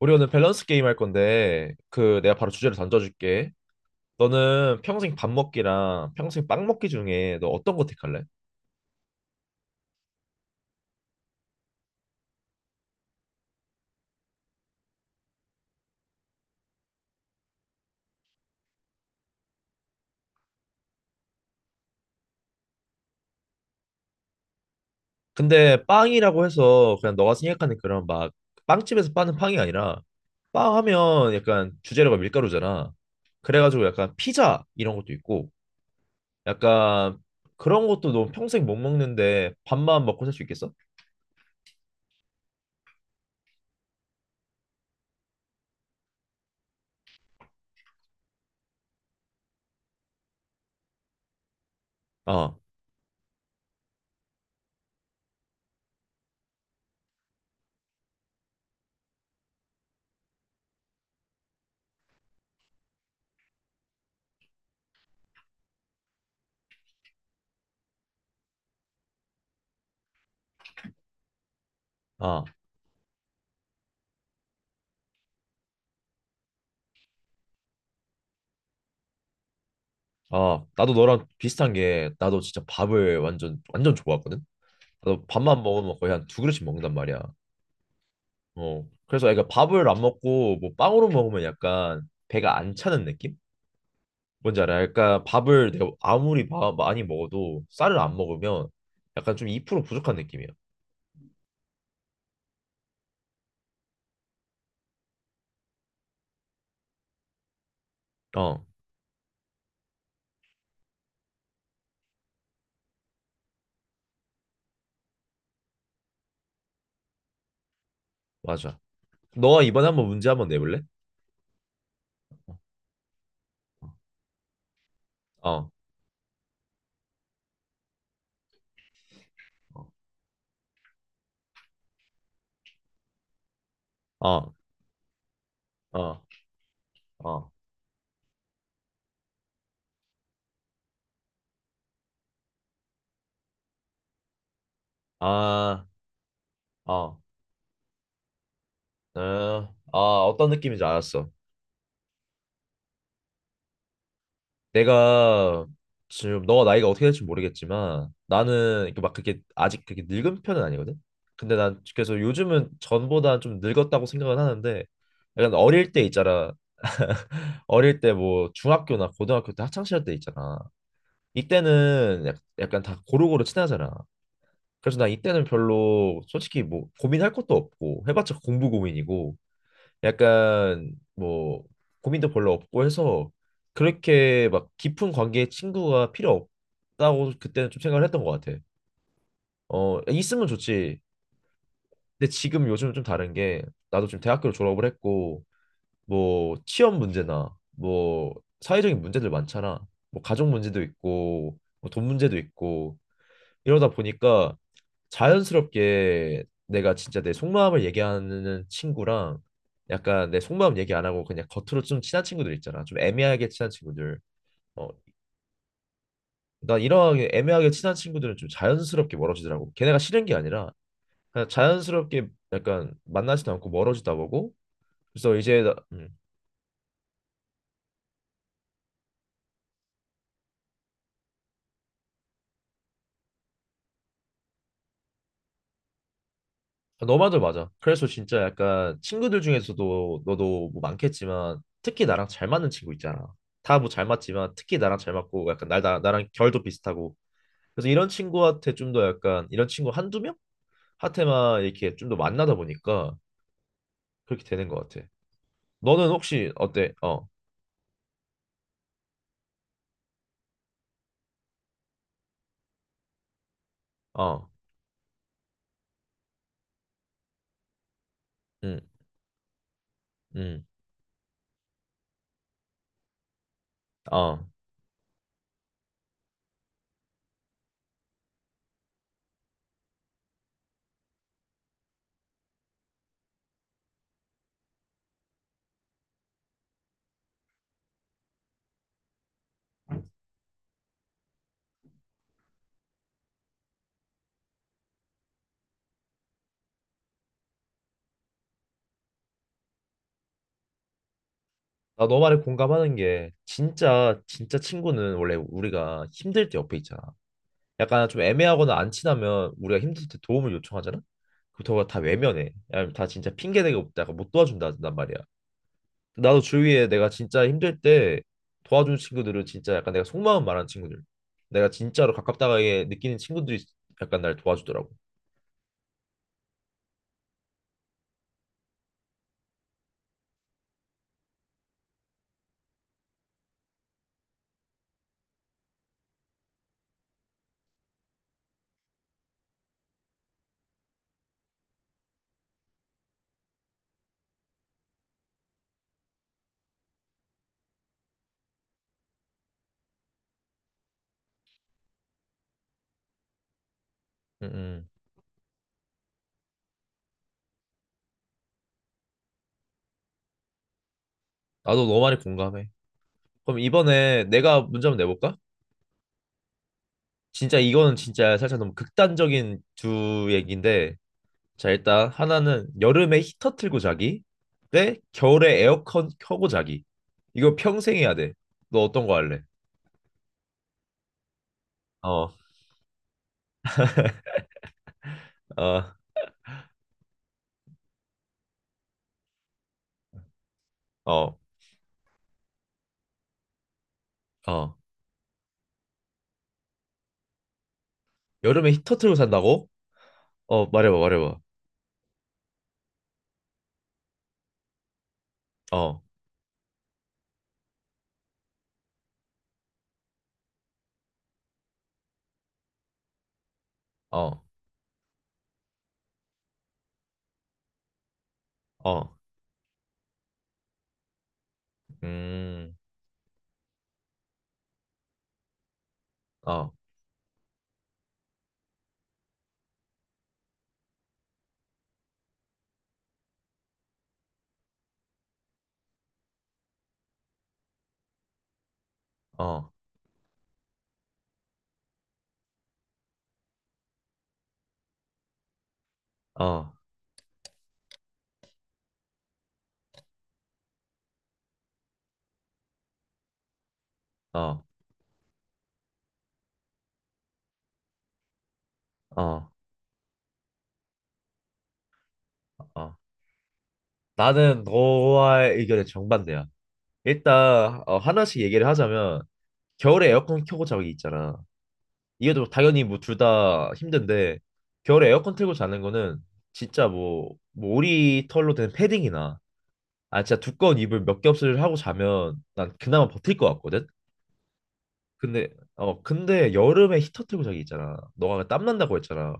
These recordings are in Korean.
우리 오늘 밸런스 게임 할 건데 내가 바로 주제를 던져줄게. 너는 평생 밥 먹기랑 평생 빵 먹기 중에 너 어떤 거 택할래? 근데 빵이라고 해서 그냥 너가 생각하는 그런 빵집에서 파는 빵이 아니라 빵 하면 약간 주재료가 밀가루잖아. 그래가지고 약간 피자 이런 것도 있고 약간 그런 것도 너 평생 못 먹는데 밥만 먹고 살 수 있겠어? 어, 어, 나도 너랑 비슷한 게 나도 진짜 밥을 완전 완전 좋아하거든. 나도 밥만 먹으면 거의 한 두 그릇씩 먹는단 말이야. 어. 그래서 애가 밥을 안 먹고 뭐 빵으로 먹으면 약간 배가 안 차는 느낌? 뭔지 알아? 약간 밥을 내가 아무리 많이 먹어도 쌀을 안 먹으면 약간 좀 2% 부족한 느낌이야. 어, 맞아. 너가 이번에 한번 문제 한번 내볼래? 어, 어, 어, 어, 아, 어, 어, 어, 어떤 느낌인지 알았어. 내가 지금 너가 나이가 어떻게 될지 모르겠지만 나는 이렇게 막 그렇게 아직 그렇게 늙은 편은 아니거든. 근데 난 그래서 요즘은 전보다 좀 늙었다고 생각은 하는데 약간 어릴 때 있잖아. 어릴 때 뭐 중학교나 고등학교 때 학창 시절 때 있잖아. 이때는 약간 다 고루고루 친하잖아. 그래서 난 이때는 별로 솔직히 뭐 고민할 것도 없고 해봤자 공부 고민이고 약간 뭐 고민도 별로 없고 해서 그렇게 막 깊은 관계의 친구가 필요 없다고 그때는 좀 생각을 했던 것 같아. 어, 있으면 좋지. 근데 지금 요즘 좀 다른 게 나도 지금 대학교를 졸업을 했고 뭐 취업 문제나 뭐 사회적인 문제들 많잖아. 뭐 가족 문제도 있고 뭐돈 문제도 있고 이러다 보니까 자연스럽게 내가 진짜 내 속마음을 얘기하는 친구랑 약간 내 속마음 얘기 안 하고 그냥 겉으로 좀 친한 친구들 있잖아. 좀 애매하게 친한 친구들. 어, 난 이러하게 애매하게 친한 친구들은 좀 자연스럽게 멀어지더라고. 걔네가 싫은 게 아니라 그냥 자연스럽게 약간 만나지도 않고 멀어지다 보고 그래서 이제 아, 너말도 맞아. 그래서 진짜 약간 친구들 중에서도 너도 뭐 많겠지만 특히 나랑 잘 맞는 친구 있잖아. 다 뭐 잘 맞지만 특히 나랑 잘 맞고 약간 나랑 결도 비슷하고. 그래서 이런 친구한테 좀 더 약간 이런 친구 한두 명? 한테만 이렇게 좀 더 만나다 보니까 그렇게 되는 것 같아. 너는 혹시 어때? 어, 응, 응, 어. 나 너 말에 공감하는 게 진짜 진짜 친구는 원래 우리가 힘들 때 옆에 있잖아. 약간 좀 애매하거나 안 친하면 우리가 힘들 때 도움을 요청하잖아? 그렇다고 다 외면해. 아니면 다 진짜 핑계대고 없다. 약간 못 도와준다단 말이야. 나도 주위에 내가 진짜 힘들 때 도와준 친구들은 진짜 약간 내가 속마음 말하는 친구들. 내가 진짜로 가깝다게 느끼는 친구들이 약간 날 도와주더라고. 음, 음. 나도 너무 많이 공감해. 그럼 이번에 내가 문제 한번 내볼까? 진짜 이거는 진짜 살짝 너무 극단적인 두 얘기인데 자, 일단 하나는 여름에 히터 틀고 자기, 대 겨울에 에어컨 켜고 자기. 이거 평생 해야 돼. 너 어떤 거 할래? 어, 어, 어, 어. 여름에 히터 틀고 산다고? 어, 말해봐, 말해봐. 어, 어, 어, 음, 어, 어, 어, 어, 어, 어. 나는 너와의 의견에 정반대야. 일단 어, 하나씩 얘기를 하자면 겨울에 에어컨 켜고 자기 있잖아. 이게 또 당연히 뭐 둘 다 힘든데 겨울에 에어컨 틀고 자는 거는 진짜 뭐 오리 털로 된 패딩이나 아 진짜 두꺼운 이불 몇 겹을 하고 자면 난 그나마 버틸 것 같거든. 근데 어 근데 여름에 히터 틀고 자기 있잖아. 너가 땀 난다고 했잖아.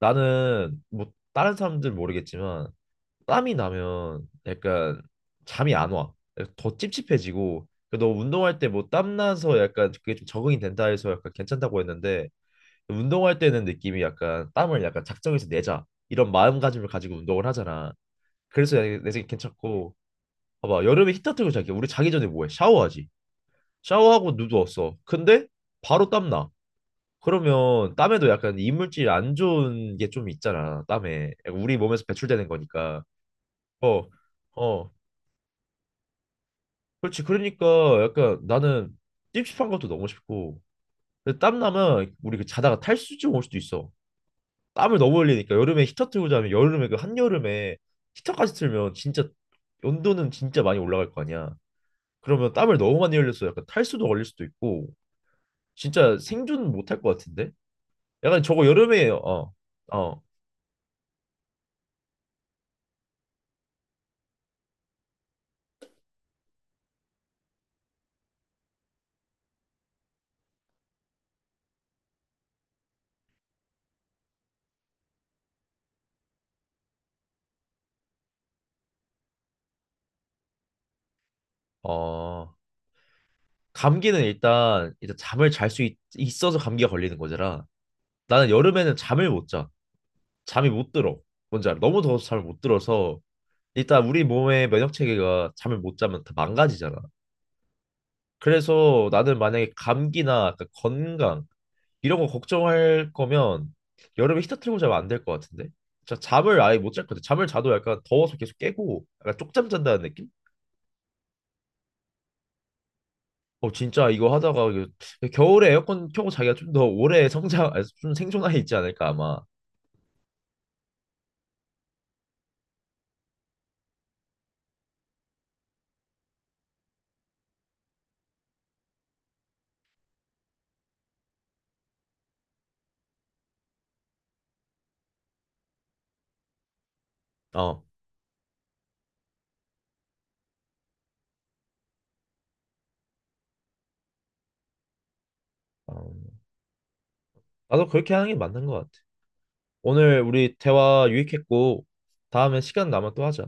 나는 뭐 다른 사람들 모르겠지만 땀이 나면 약간 잠이 안 와. 더 찝찝해지고 너 운동할 때 뭐 땀 나서 약간 그게 좀 적응이 된다 해서 약간 괜찮다고 했는데 운동할 때는 느낌이 약간 땀을 약간 작정해서 내자 이런 마음가짐을 가지고 운동을 하잖아. 그래서 내 생각 괜찮고 봐봐 여름에 히터 틀고 자기 우리 자기 전에 뭐해? 샤워하지. 샤워하고 누웠어. 근데 바로 땀나. 그러면 땀에도 약간 이물질 안 좋은 게 좀 있잖아. 땀에 약간 우리 몸에서 배출되는 거니까. 어, 어, 그렇지. 그러니까 약간 나는 찝찝한 것도 너무 싶고. 근데 땀 나면 우리 그 자다가 탈수증 올 수도 있어. 땀을 너무 흘리니까 여름에 히터 틀고 자면 여름에 그 한여름에 히터까지 틀면 진짜 온도는 진짜 많이 올라갈 거 아니야. 그러면 땀을 너무 많이 흘려서 약간 탈수도 걸릴 수도 있고 진짜 생존 못할 것 같은데? 약간 저거 여름에 어, 어 감기는 일단 일단 잠을 잘 수 있어서 감기가 걸리는 거잖아. 나는 여름에는 잠을 못 자. 잠이 못 들어. 뭔지 알아? 너무 더워서 잠을 못 들어서 일단 우리 몸의 면역 체계가 잠을 못 자면 다 망가지잖아. 그래서 나는 만약에 감기나 약간 건강 이런 거 걱정할 거면 여름에 히터 틀고 자면 안 될 것 같은데. 진짜 잠을 아예 못 잘 것 같아. 잠을 자도 약간 더워서 계속 깨고 약간 쪽잠 잔다는 느낌? 어 진짜 이거 하다가 이거 겨울에 에어컨 켜고 자기가 좀 더 오래 성장, 아니, 좀 생존하에 있지 않을까 아마. 어, 어, 나도 그렇게 하는 게 맞는 것 같아. 오늘 우리 대화 유익했고 다음에 시간 나면 또 하자.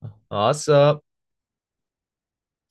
어, 아, 아싸.